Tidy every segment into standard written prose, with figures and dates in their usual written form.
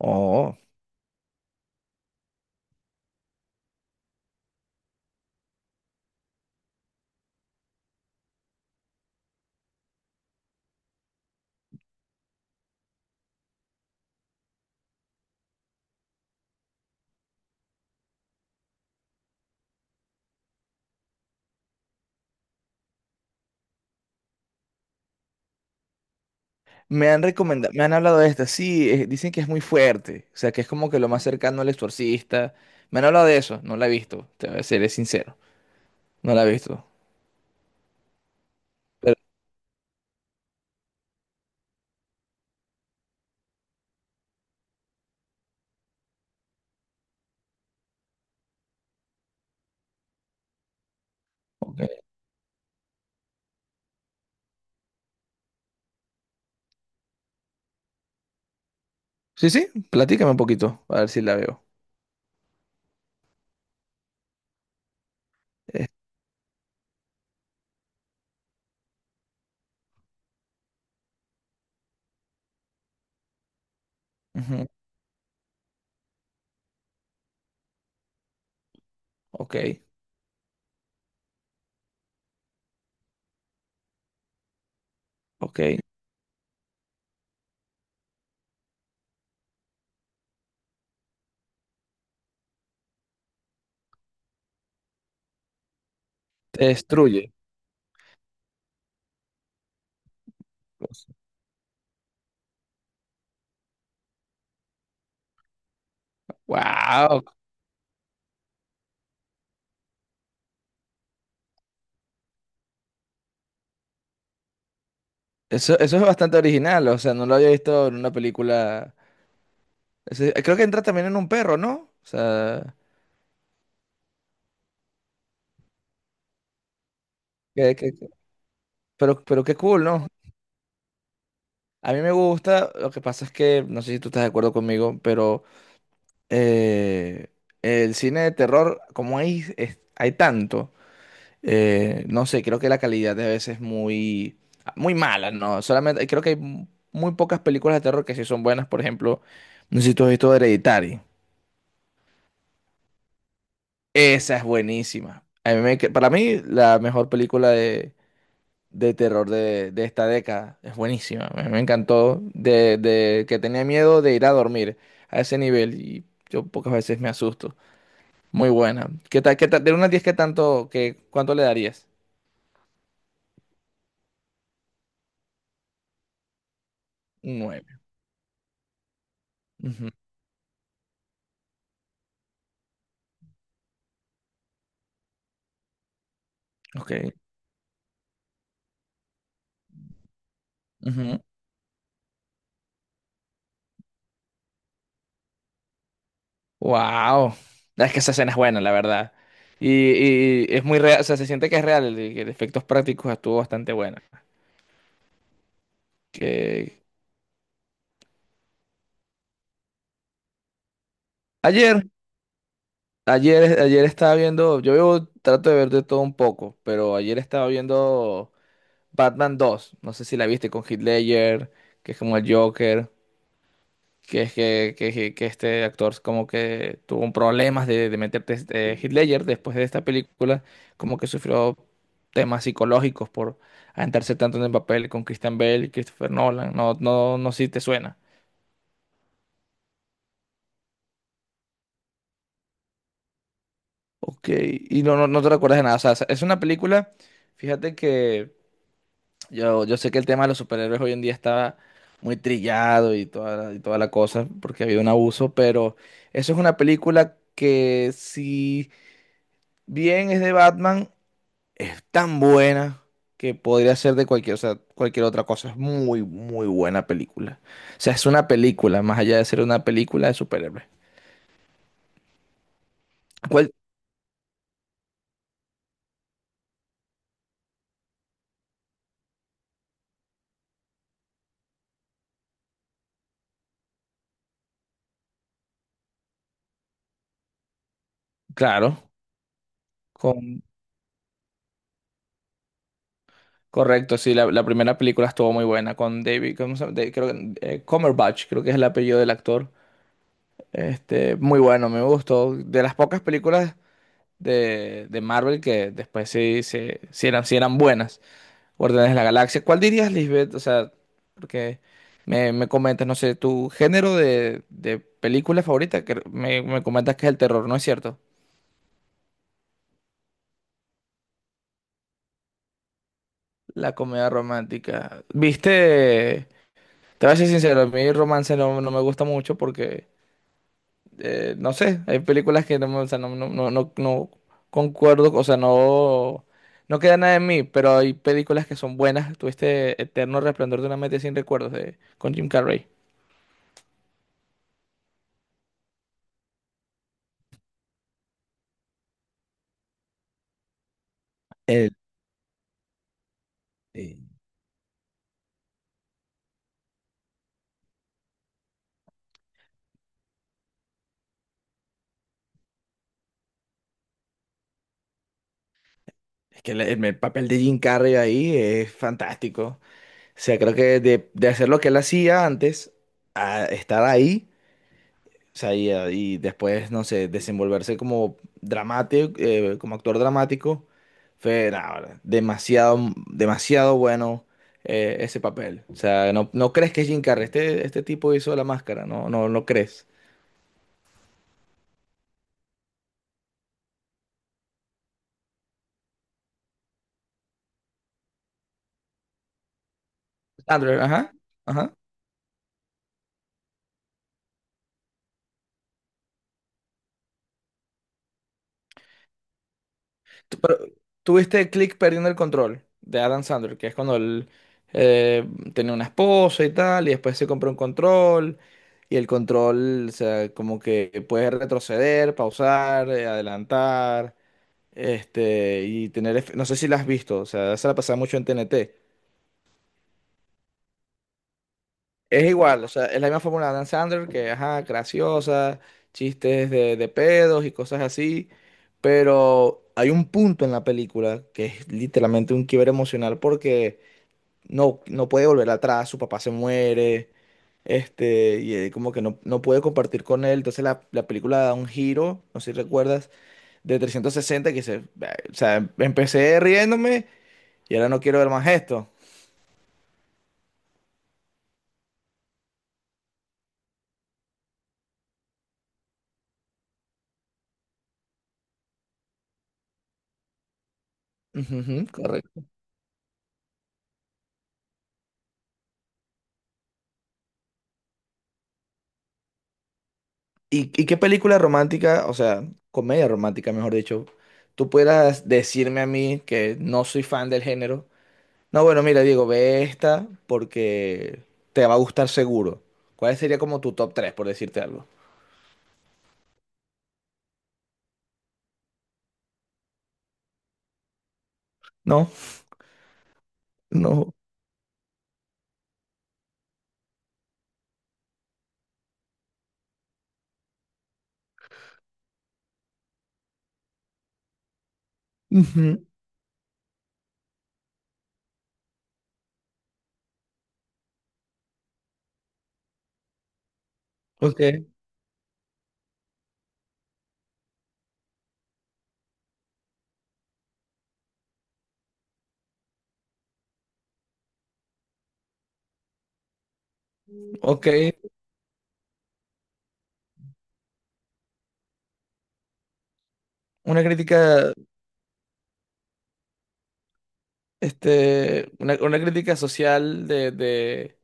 Oh, me han recomendado, me han hablado de esta, sí, dicen que es muy fuerte, o sea, que es como que lo más cercano al exorcista. Me han hablado de eso, no la he visto, te seré sincero, no la he visto. Pero, ok. Sí, sí, platícame un poquito, a ver si la veo. Eh, ujú. Ok, ok. Te destruye. Wow, eso es bastante original, o sea, no lo había visto en una película. Creo que entra también en un perro, ¿no? O sea, que- que- pero qué cool, ¿no? A mí me gusta, lo que pasa es que no sé si tú estás de acuerdo conmigo, pero eh, el cine de terror, como hay, hay tanto, no sé, creo que la calidad de veces es muy, muy mala, ¿no? Solamente creo que hay muy pocas películas de terror que sí son buenas. Por ejemplo, no sé si tú has visto Hereditary, esa es buenísima. Para mí, la mejor película de terror de esta década. Es buenísima, me encantó. De que tenía miedo de ir a dormir a ese nivel, y yo pocas veces me asusto. Muy buena. ¿Qué tal, qué tal? De una a 10, ¿qué tanto, cuánto le darías? Un 9. Ujú. Ok. Ujú. Wow. Es que esa escena es buena, la verdad. Y, y es muy real, o sea, se siente que es real, el efectos prácticos estuvo bastante buena. Que ayer. Ayer, estaba viendo, trato de ver de todo un poco, pero ayer estaba viendo Batman dos, no sé si la viste, con Heath Ledger, que es como el Joker. Que es que este actor como que tuvo un problemas de meterte este, Heath Ledger, después de esta película, como que sufrió temas psicológicos por adentrarse tanto en el papel con Christian Bale y Christopher Nolan, no sé si te suena. Ok, y no te recuerdas de nada, o sea, es una película, fíjate que... Yo sé que el tema de los superhéroes hoy en día está muy trillado, y toda la cosa, porque ha habido un abuso, pero eso es una película que, si bien es de Batman, es tan buena que podría ser de cualquier, o sea, cualquier otra cosa. Es muy, muy buena película. O sea, es una película más allá de ser una película de superhéroes. ¿Cuál? Claro, con, correcto. Sí, la primera película estuvo muy buena con David, ¿cómo se llama? Creo que Cumberbatch, creo que es el apellido del actor. Este, muy bueno, me gustó. De las pocas películas de Marvel que después sí eran buenas. Guardianes de la Galaxia. ¿Cuál dirías, Lisbeth? O sea, porque me comentas, no sé, tu género de película favorita, que me comentas que es el terror, ¿no es cierto? La comedia romántica. Viste, te voy a ser sincero, a mí romance no me gusta mucho porque no sé, hay películas que no, o sea, no concuerdo, o sea, no queda nada en mí, pero hay películas que son buenas. Tuviste Eterno Resplandor de una mente sin recuerdos de, con Jim Carrey. El, eh, es que el papel de Jim Carrey ahí es fantástico. O sea, creo que de hacer lo que él hacía antes, a estar ahí. O sea, y y después, no sé, desenvolverse como dramático, como actor dramático, fue nah, ahora, demasiado, demasiado bueno ese papel. O sea, no crees que es Jim Carrey, este tipo hizo la máscara, no crees. Sandler, ajá, ajá. Pero tuviste Click perdiendo el control de Adam Sandler, que es cuando él eh, tenía una esposa y tal, y después se compró un control. Y el control, o sea, como que puedes retroceder, pausar, adelantar, este, y tener, no sé si la has visto, o sea, se la pasaba mucho en TNT. Es igual, o sea, es la misma fórmula de Dan Sandler, que, ajá, graciosa, chistes de pedos y cosas así, pero hay un punto en la película que es literalmente un quiebre emocional porque no puede volver atrás, su papá se muere, este, y él como que no puede compartir con él. Entonces la película da un giro, no sé si recuerdas, de 360, que se, o sea, empecé riéndome, y ahora no quiero ver más esto. Ujú, ujú, correcto. ¿Y qué película romántica, o sea, comedia romántica, mejor dicho, tú puedas decirme a mí, que no soy fan del género? No, bueno, mira, Diego, ve esta porque te va a gustar seguro. ¿Cuál sería como tu top tres, por decirte algo? ¿No? No. Ujú. Ok, ok. Una crítica, este, una crítica social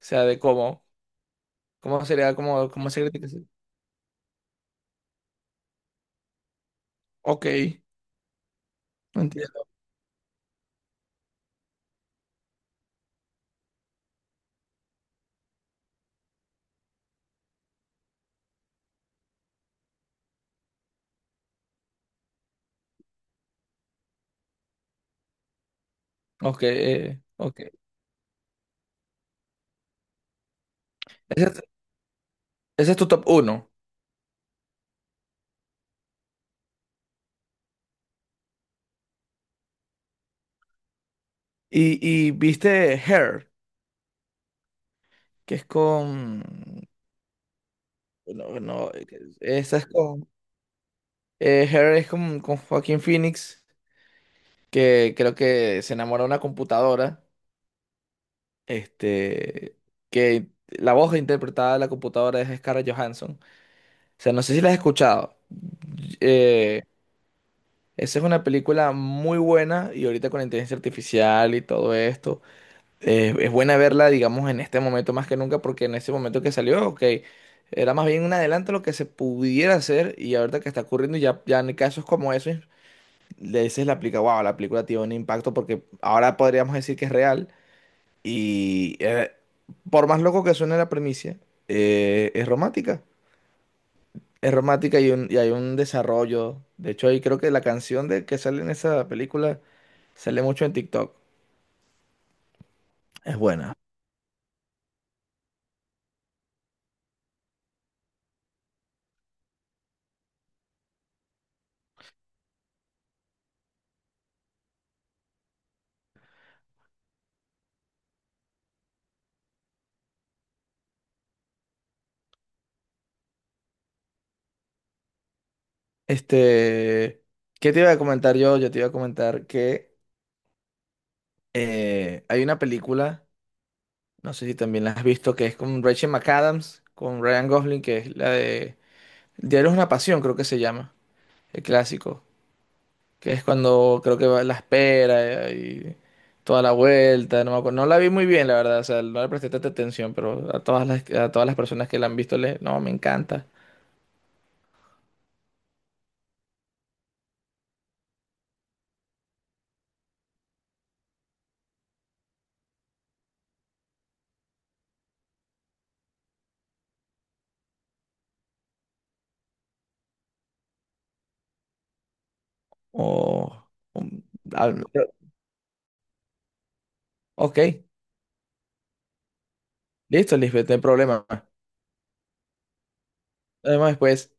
o sea, cómo sería, cómo se critica. Ok, entiendo. Ok, ok. Ese es, ese es tu top uno. Y, y viste Hair, que es con, no, no, esa es con, Hair es con Joaquín Phoenix, que creo que se enamora de una computadora, este, que la voz interpretada de la computadora es Scarlett Johansson. O sea, no sé si la has escuchado. Eh, esa es una película muy buena, y ahorita con la inteligencia artificial y todo esto, es buena verla, digamos, en este momento más que nunca, porque en ese momento que salió, ok, era más bien un adelanto a lo que se pudiera hacer, y ahorita que está ocurriendo ya, en casos como esos, le dices la película, wow, la película tiene un impacto porque ahora podríamos decir que es real. Y por más loco que suene la premisa, es romántica. Es romántica, y y hay un desarrollo. De hecho, ahí creo que la canción de que sale en esa película sale mucho en TikTok. Es buena. Este, ¿qué te iba a comentar yo? Yo te iba a comentar que hay una película, no sé si también la has visto, que es con Rachel McAdams, con Ryan Gosling, que es la de Diario es una pasión, creo que se llama, el clásico. Que es cuando creo que va la espera, y toda la vuelta, no me acuerdo. No la vi muy bien, la verdad, o sea, no le presté tanta atención, pero a todas las personas que la han visto, le, no, me encanta. O, um, ah, ok, listo, Lisbeth, no hay problema. Además, después.